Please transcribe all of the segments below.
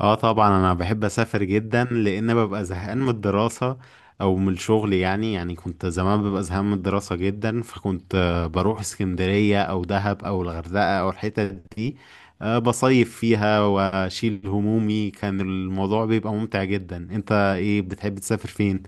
اه طبعا انا بحب اسافر جدا لان ببقى زهقان من الدراسة او من الشغل. يعني كنت زمان ببقى زهقان من الدراسة جدا فكنت بروح اسكندرية او دهب او الغردقة او الحتت دي. بصيف فيها واشيل همومي. كان الموضوع بيبقى ممتع جدا. انت ايه بتحب تسافر فين؟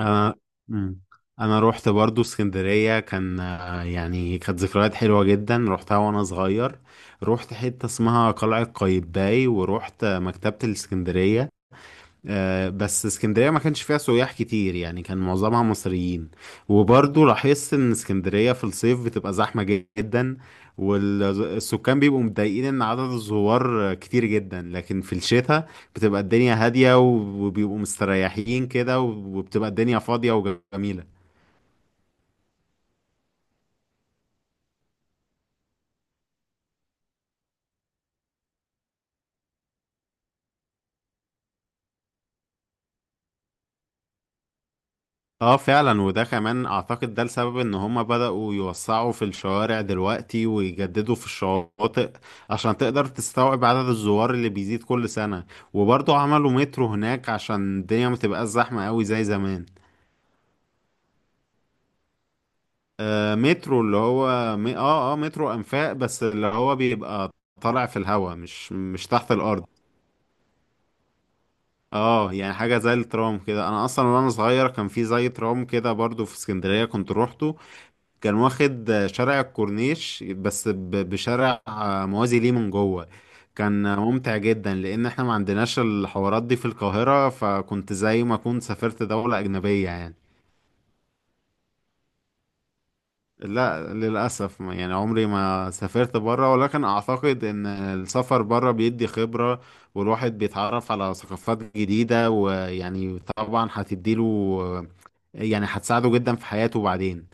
انا مم. انا روحت برضو اسكندريه. كان يعني كانت ذكريات حلوه جدا، روحتها وانا صغير. روحت حته اسمها قلعه قايتباي وروحت مكتبه الاسكندريه. بس اسكندرية ما كانش فيها سياح كتير، يعني كان معظمها مصريين. وبرضو لاحظت ان اسكندرية في الصيف بتبقى زحمة جدا، والسكان بيبقوا متضايقين ان عدد الزوار كتير جدا. لكن في الشتاء بتبقى الدنيا هادية وبيبقوا مستريحين كده، وبتبقى الدنيا فاضية وجميلة. اه فعلا، وده كمان اعتقد ده السبب ان هما بدأوا يوسعوا في الشوارع دلوقتي ويجددوا في الشواطئ عشان تقدر تستوعب عدد الزوار اللي بيزيد كل سنة. وبرضه عملوا مترو هناك عشان الدنيا ما تبقاش زحمة قوي زي زمان. آه مترو اللي هو م... اه اه مترو انفاق، بس اللي هو بيبقى طالع في الهواء، مش تحت الارض. اه يعني حاجة زي الترام كده. انا اصلا وانا صغير كان في زي ترام كده برضه في اسكندرية كنت روحته. كان واخد شارع الكورنيش بس بشارع موازي ليه من جوه. كان ممتع جدا لان احنا ما عندناش الحوارات دي في القاهرة، فكنت زي ما كنت سافرت دولة اجنبية يعني. لا للاسف، يعني عمري ما سافرت بره، ولكن اعتقد ان السفر بره بيدي خبرة والواحد بيتعرف على ثقافات جديدة، ويعني طبعا هتديله يعني هتساعده جدا في حياته بعدين.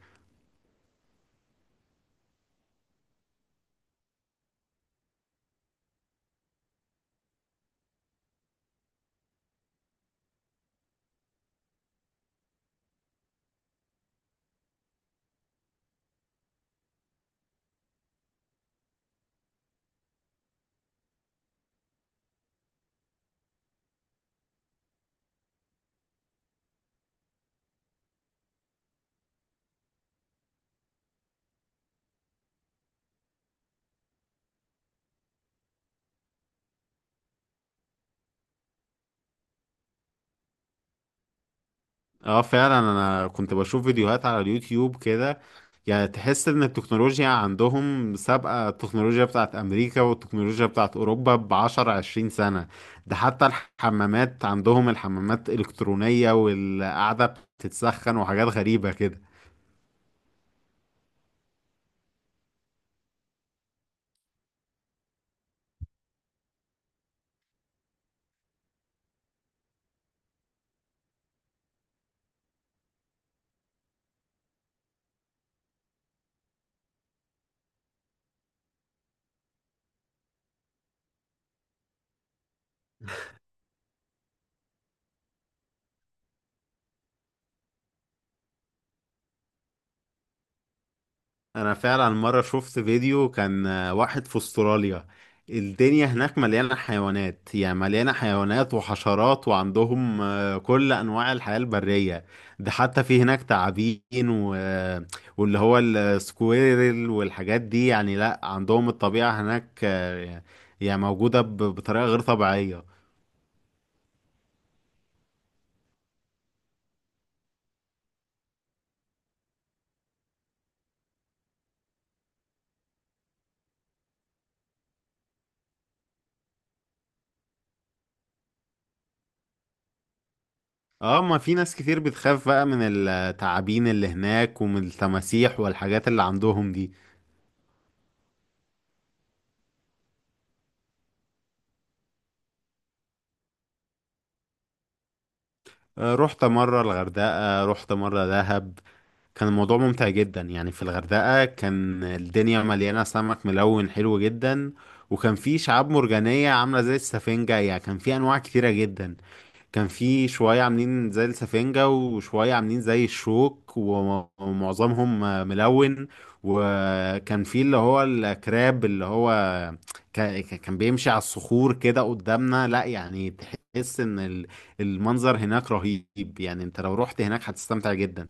اه فعلا، انا كنت بشوف فيديوهات على اليوتيوب كده. يعني تحس ان التكنولوجيا عندهم سابقة التكنولوجيا بتاعت امريكا والتكنولوجيا بتاعت اوروبا بعشر عشرين سنة. ده حتى الحمامات عندهم الحمامات الكترونية، والقعدة بتتسخن وحاجات غريبة كده. انا فعلا مره شفت فيديو، كان واحد في استراليا. الدنيا هناك مليانه حيوانات، يعني مليانه حيوانات وحشرات، وعندهم كل انواع الحياه البريه. ده حتى في هناك تعابين و... آه، واللي هو السكويرل والحاجات دي. يعني لا، عندهم الطبيعه هناك يعني موجوده بطريقه غير طبيعيه. اه ما في ناس كتير بتخاف بقى من التعابين اللي هناك ومن التماسيح والحاجات اللي عندهم دي. رحت مرة الغردقة، رحت مرة دهب. كان الموضوع ممتع جدا. يعني في الغردقة كان الدنيا مليانة سمك ملون حلو جدا، وكان في شعاب مرجانية عاملة زي السفنجة. يعني كان في أنواع كتيرة جدا، كان في شوية عاملين زي السفنجة وشوية عاملين زي الشوك، ومعظمهم ملون. وكان في اللي هو الكراب، اللي هو كان بيمشي على الصخور كده قدامنا. لا يعني تحس ان المنظر هناك رهيب، يعني انت لو رحت هناك هتستمتع جدا.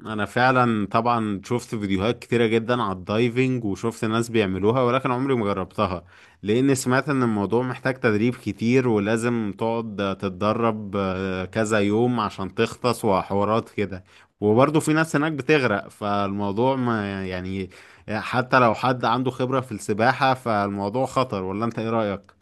انا فعلا طبعا شفت فيديوهات كتيرة جدا على الدايفنج وشفت ناس بيعملوها، ولكن عمري ما جربتها. لان سمعت ان الموضوع محتاج تدريب كتير، ولازم تقعد تتدرب كذا يوم عشان تغطس وحوارات كده. وبرضه في ناس هناك بتغرق، فالموضوع ما يعني حتى لو حد عنده خبرة في السباحة فالموضوع خطر، ولا انت ايه رأيك؟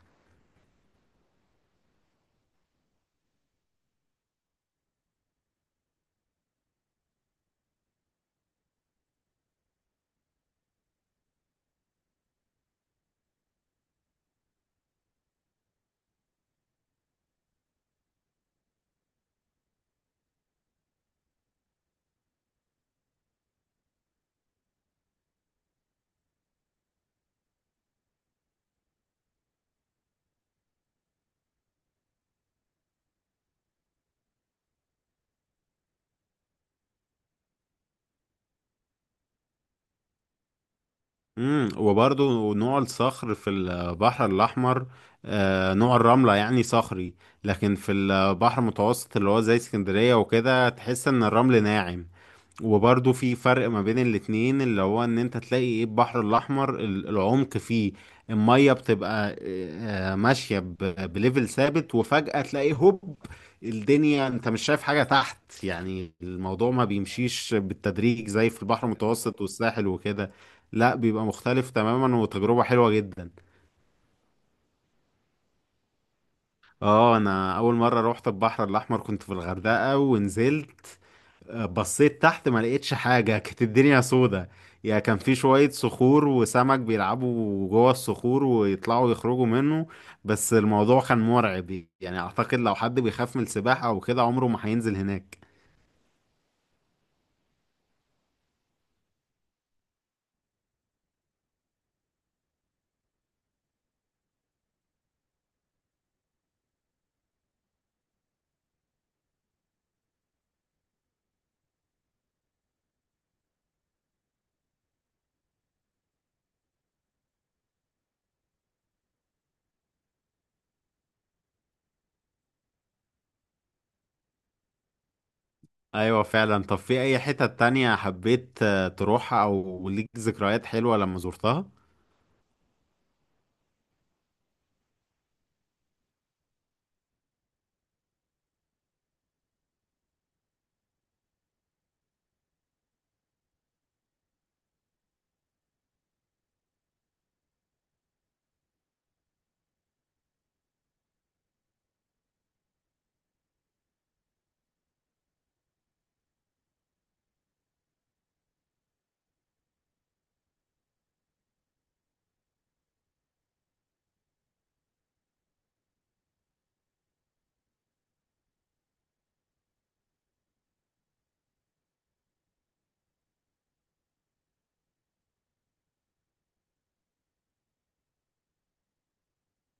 امم، وبرضو نوع الصخر في البحر الأحمر نوع الرملة يعني صخري، لكن في البحر المتوسط اللي هو زي اسكندرية وكده تحس إن الرمل ناعم. وبرضه في فرق ما بين الاتنين، اللي هو ان انت تلاقي ايه، البحر الاحمر العمق فيه المية بتبقى ماشية بليفل ثابت، وفجأة تلاقي هوب، الدنيا انت مش شايف حاجة تحت. يعني الموضوع ما بيمشيش بالتدريج زي في البحر المتوسط والساحل وكده. لا بيبقى مختلف تماما، وتجربة حلوة جدا. اه انا اول مرة روحت البحر الاحمر كنت في الغردقة، ونزلت بصيت تحت ما لقيتش حاجة، كانت الدنيا سودة. يعني كان في شوية صخور وسمك بيلعبوا جوه الصخور ويطلعوا يخرجوا منه، بس الموضوع كان مرعب. يعني أعتقد لو حد بيخاف من السباحة أو كده عمره ما هينزل هناك. أيوة فعلا. طب في أي حتة تانية حبيت تروحها أو ليك ذكريات حلوة لما زرتها؟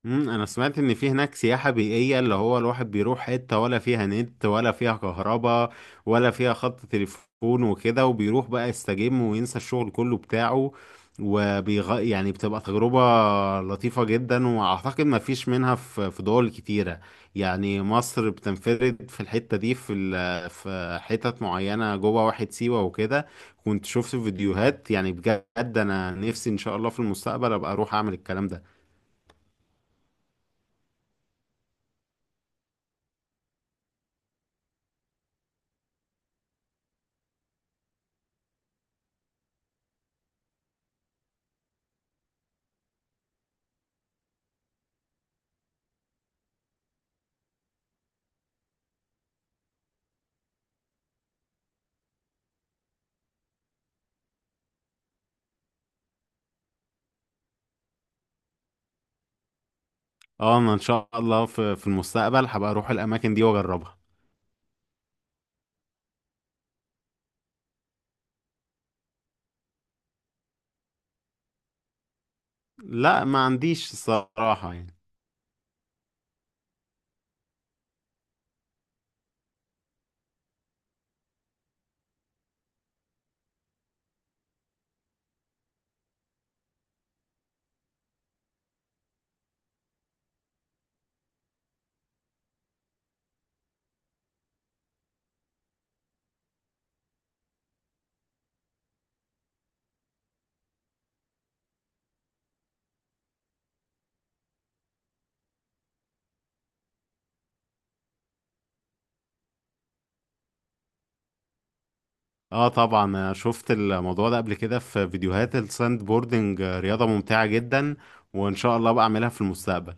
امم، انا سمعت ان في هناك سياحة بيئية، اللي هو الواحد بيروح حتة ولا فيها نت ولا فيها كهرباء ولا فيها خط تليفون وكده، وبيروح بقى يستجم وينسى الشغل كله بتاعه. يعني بتبقى تجربة لطيفة جدا، واعتقد ما فيش منها في دول كتيرة. يعني مصر بتنفرد في الحتة دي، في في حتت معينة جوه واحد سيوة وكده. كنت شفت فيديوهات، يعني بجد انا نفسي ان شاء الله في المستقبل ابقى اروح اعمل الكلام ده. اه انا ان شاء الله في المستقبل هبقى اروح الاماكن دي واجربها. لا ما عنديش الصراحه يعني. اه طبعا، شفت الموضوع ده قبل كده في فيديوهات الساند بوردنج. رياضه ممتعه جدا، وان شاء الله بقى اعملها في المستقبل.